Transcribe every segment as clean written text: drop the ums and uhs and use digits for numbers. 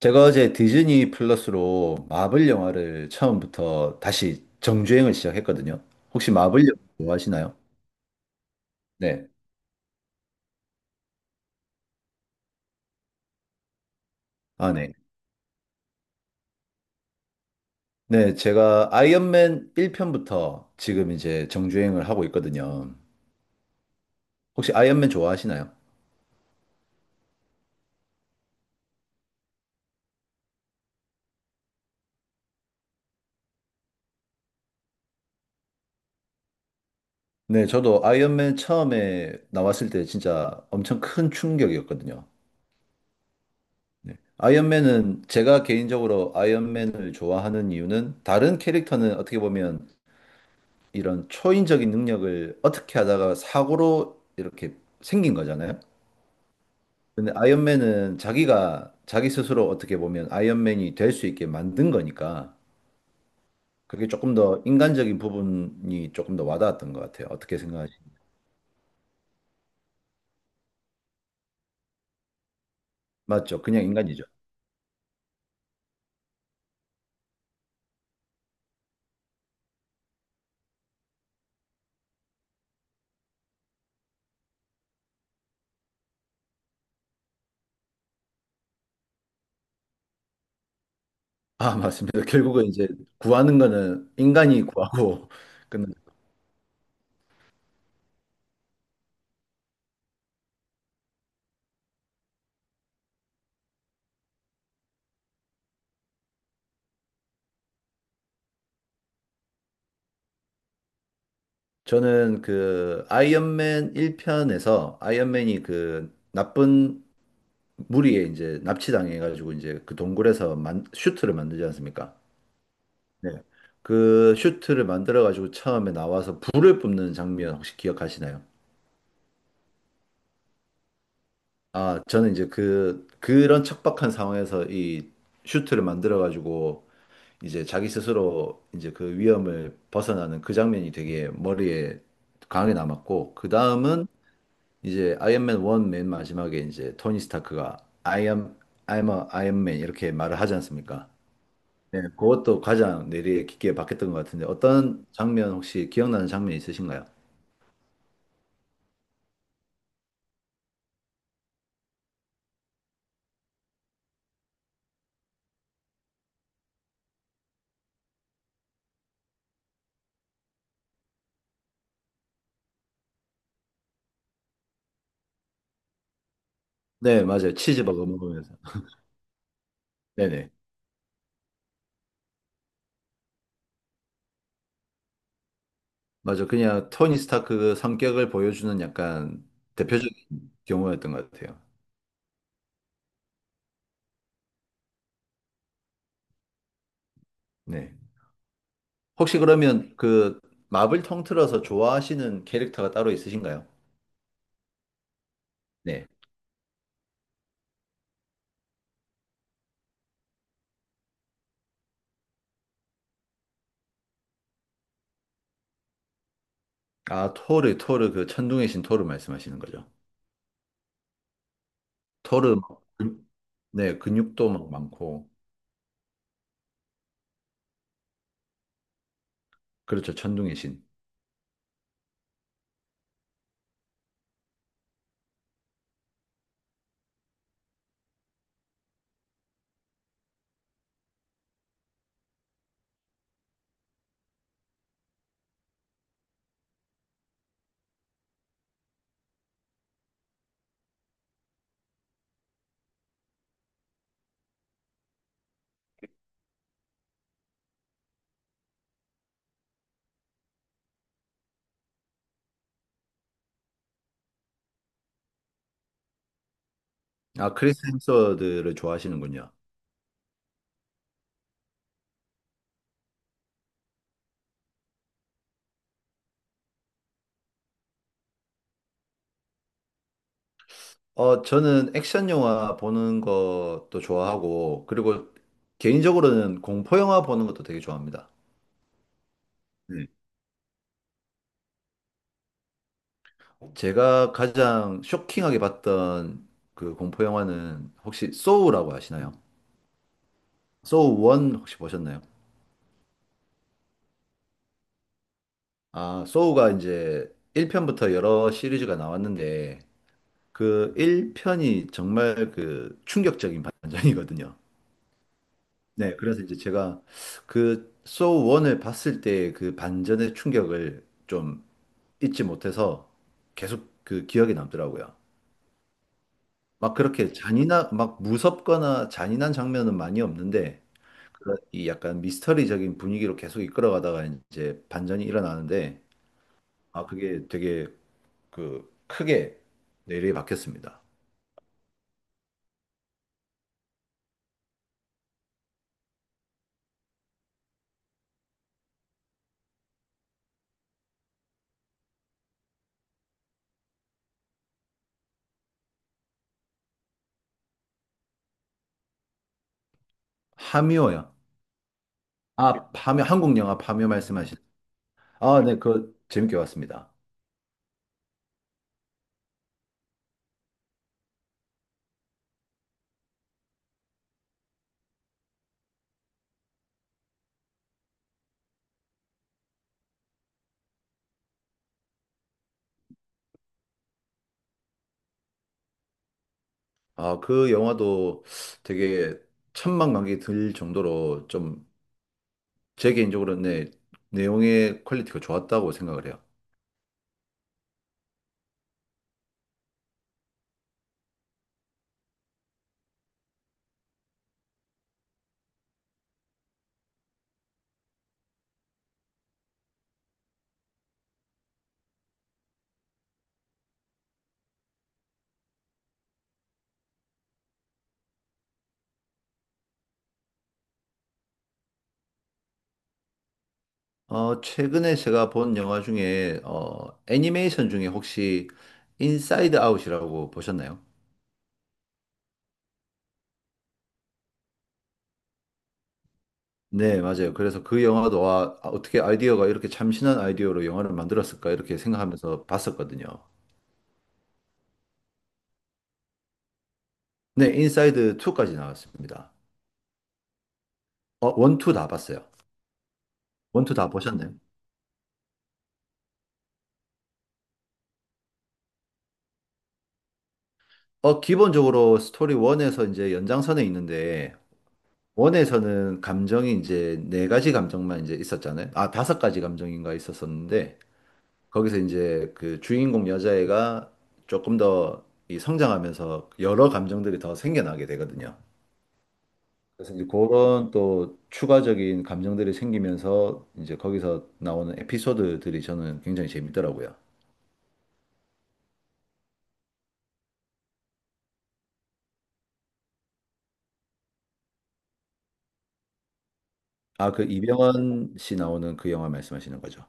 제가 어제 디즈니 플러스로 마블 영화를 처음부터 다시 정주행을 시작했거든요. 혹시 마블 영화 좋아하시나요? 네. 아, 네. 네, 제가 아이언맨 1편부터 지금 이제 정주행을 하고 있거든요. 혹시 아이언맨 좋아하시나요? 네, 저도 아이언맨 처음에 나왔을 때 진짜 엄청 큰 충격이었거든요. 아이언맨은 제가 개인적으로 아이언맨을 좋아하는 이유는, 다른 캐릭터는 어떻게 보면 이런 초인적인 능력을 어떻게 하다가 사고로 이렇게 생긴 거잖아요. 근데 아이언맨은 자기가 자기 스스로 어떻게 보면 아이언맨이 될 수 있게 만든 거니까, 그게 조금 더 인간적인 부분이 조금 더 와닿았던 것 같아요. 어떻게 생각하시나요? 맞죠? 그냥 인간이죠. 아, 맞습니다. 결국은 이제 구하는 거는 인간이 구하고 끝나. 저는 그 아이언맨 1편에서 아이언맨이 그 나쁜 무리에 이제 납치당해가지고 이제 그 동굴에서 슈트를 만들지 않습니까? 네. 그 슈트를 만들어가지고 처음에 나와서 불을 뿜는 장면 혹시 기억하시나요? 아, 저는 이제 그런 척박한 상황에서 이 슈트를 만들어가지고 이제 자기 스스로 이제 그 위험을 벗어나는 그 장면이 되게 머리에 강하게 남았고, 그 다음은 이제 아이언맨 1 맨 마지막에 이제 토니 스타크가 I am, I'm a Iron Man 이렇게 말을 하지 않습니까? 네, 그것도 가장 내리에 깊게 박혔던 것 같은데, 어떤 장면 혹시 기억나는 장면 있으신가요? 네, 맞아요. 치즈버거 먹으면서. 네네. 맞아. 그냥 토니 스타크 그 성격을 보여주는 약간 대표적인 경우였던 것 같아요. 네. 혹시 그러면 그 마블 통틀어서 좋아하시는 캐릭터가 따로 있으신가요? 네. 아, 토르, 토르, 그 천둥의 신 토르 말씀하시는 거죠. 토르, 네, 근육도 막 많고. 그렇죠. 천둥의 신. 아, 크리스 햄스워드를 좋아하시는군요. 어, 저는 액션 영화 보는 것도 좋아하고, 그리고 개인적으로는 공포 영화 보는 것도 되게 좋아합니다. 음. 제가 가장 쇼킹하게 봤던 그 공포 영화는 혹시 소우라고 아시나요? 소우 1 혹시 보셨나요? 아, 소우가 이제 1편부터 여러 시리즈가 나왔는데, 그 1편이 정말 그 충격적인 반전이거든요. 네, 그래서 이제 제가 그 소우 1을 봤을 때 그 반전의 충격을 좀 잊지 못해서 계속 그 기억에 남더라고요. 막 그렇게 막 무섭거나 잔인한 장면은 많이 없는데, 그런 이 약간 미스터리적인 분위기로 계속 이끌어가다가 이제 반전이 일어나는데, 아, 그게 되게 그 크게 내리에 박혔습니다. 파묘요. 아, 파묘, 한국 영화 파묘 말씀하신. 아, 네, 그 재밌게 봤습니다. 아, 그 영화도 되게 천만관계 들 정도로 좀, 제 개인적으로는, 네, 내용의 퀄리티가 좋았다고 생각을 해요. 어, 최근에 제가 본 영화 중에, 어, 애니메이션 중에 혹시 인사이드 아웃이라고 보셨나요? 네, 맞아요. 그래서 그 영화도, 와, 아, 어떻게 아이디어가 이렇게 참신한 아이디어로 영화를 만들었을까 이렇게 생각하면서 봤었거든요. 네, 인사이드 2까지 나왔습니다. 어, 1, 2 다 봤어요. 1, 2다 보셨나요? 어, 기본적으로 스토리 1에서 이제 연장선에 있는데, 원에서는 감정이 이제 네 가지 감정만 이제 있었잖아요. 아, 다섯 가지 감정인가 있었었는데, 거기서 이제 그 주인공 여자애가 조금 더 이 성장하면서 여러 감정들이 더 생겨나게 되거든요. 그래서 이제 그런 또 추가적인 감정들이 생기면서 이제 거기서 나오는 에피소드들이 저는 굉장히 재밌더라고요. 아, 그 이병헌 씨 나오는 그 영화 말씀하시는 거죠?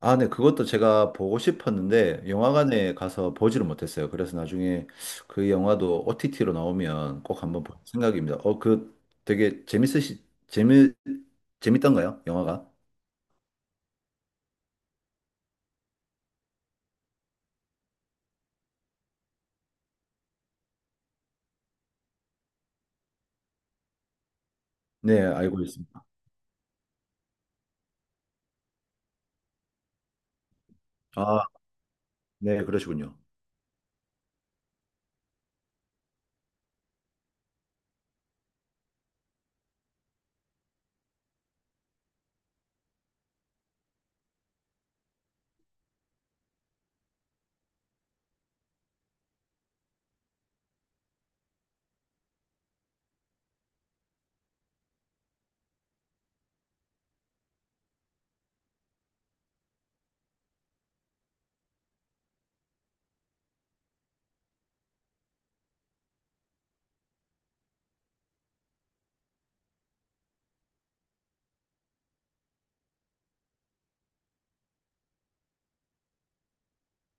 아, 네, 그것도 제가 보고 싶었는데 영화관에 가서 보지를 못했어요. 그래서 나중에 그 영화도 OTT로 나오면 꼭 한번 볼 생각입니다. 어, 그 되게 재밌으시 재미 재밌던가요? 영화가? 네, 알고 있습니다. 아, 네, 그러시군요.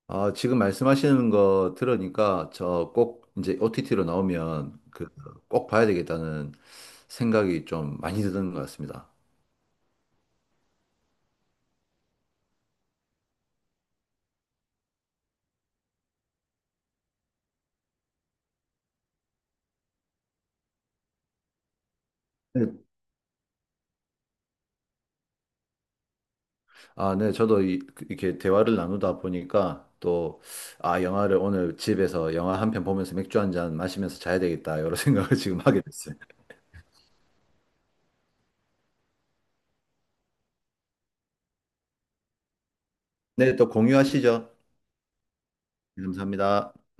아, 지금 말씀하시는 거 들으니까 저 꼭 이제 OTT로 나오면 꼭 봐야 되겠다는 생각이 좀 많이 드는 것 같습니다. 네, 아, 네, 저도 이렇게 대화를 나누다 보니까 또, 아, 영화를 오늘 집에서 영화 한 편 보면서 맥주 한잔 마시면서 자야 되겠다, 이런 생각을 지금 하게 됐어요. 네, 또 공유하시죠. 감사합니다.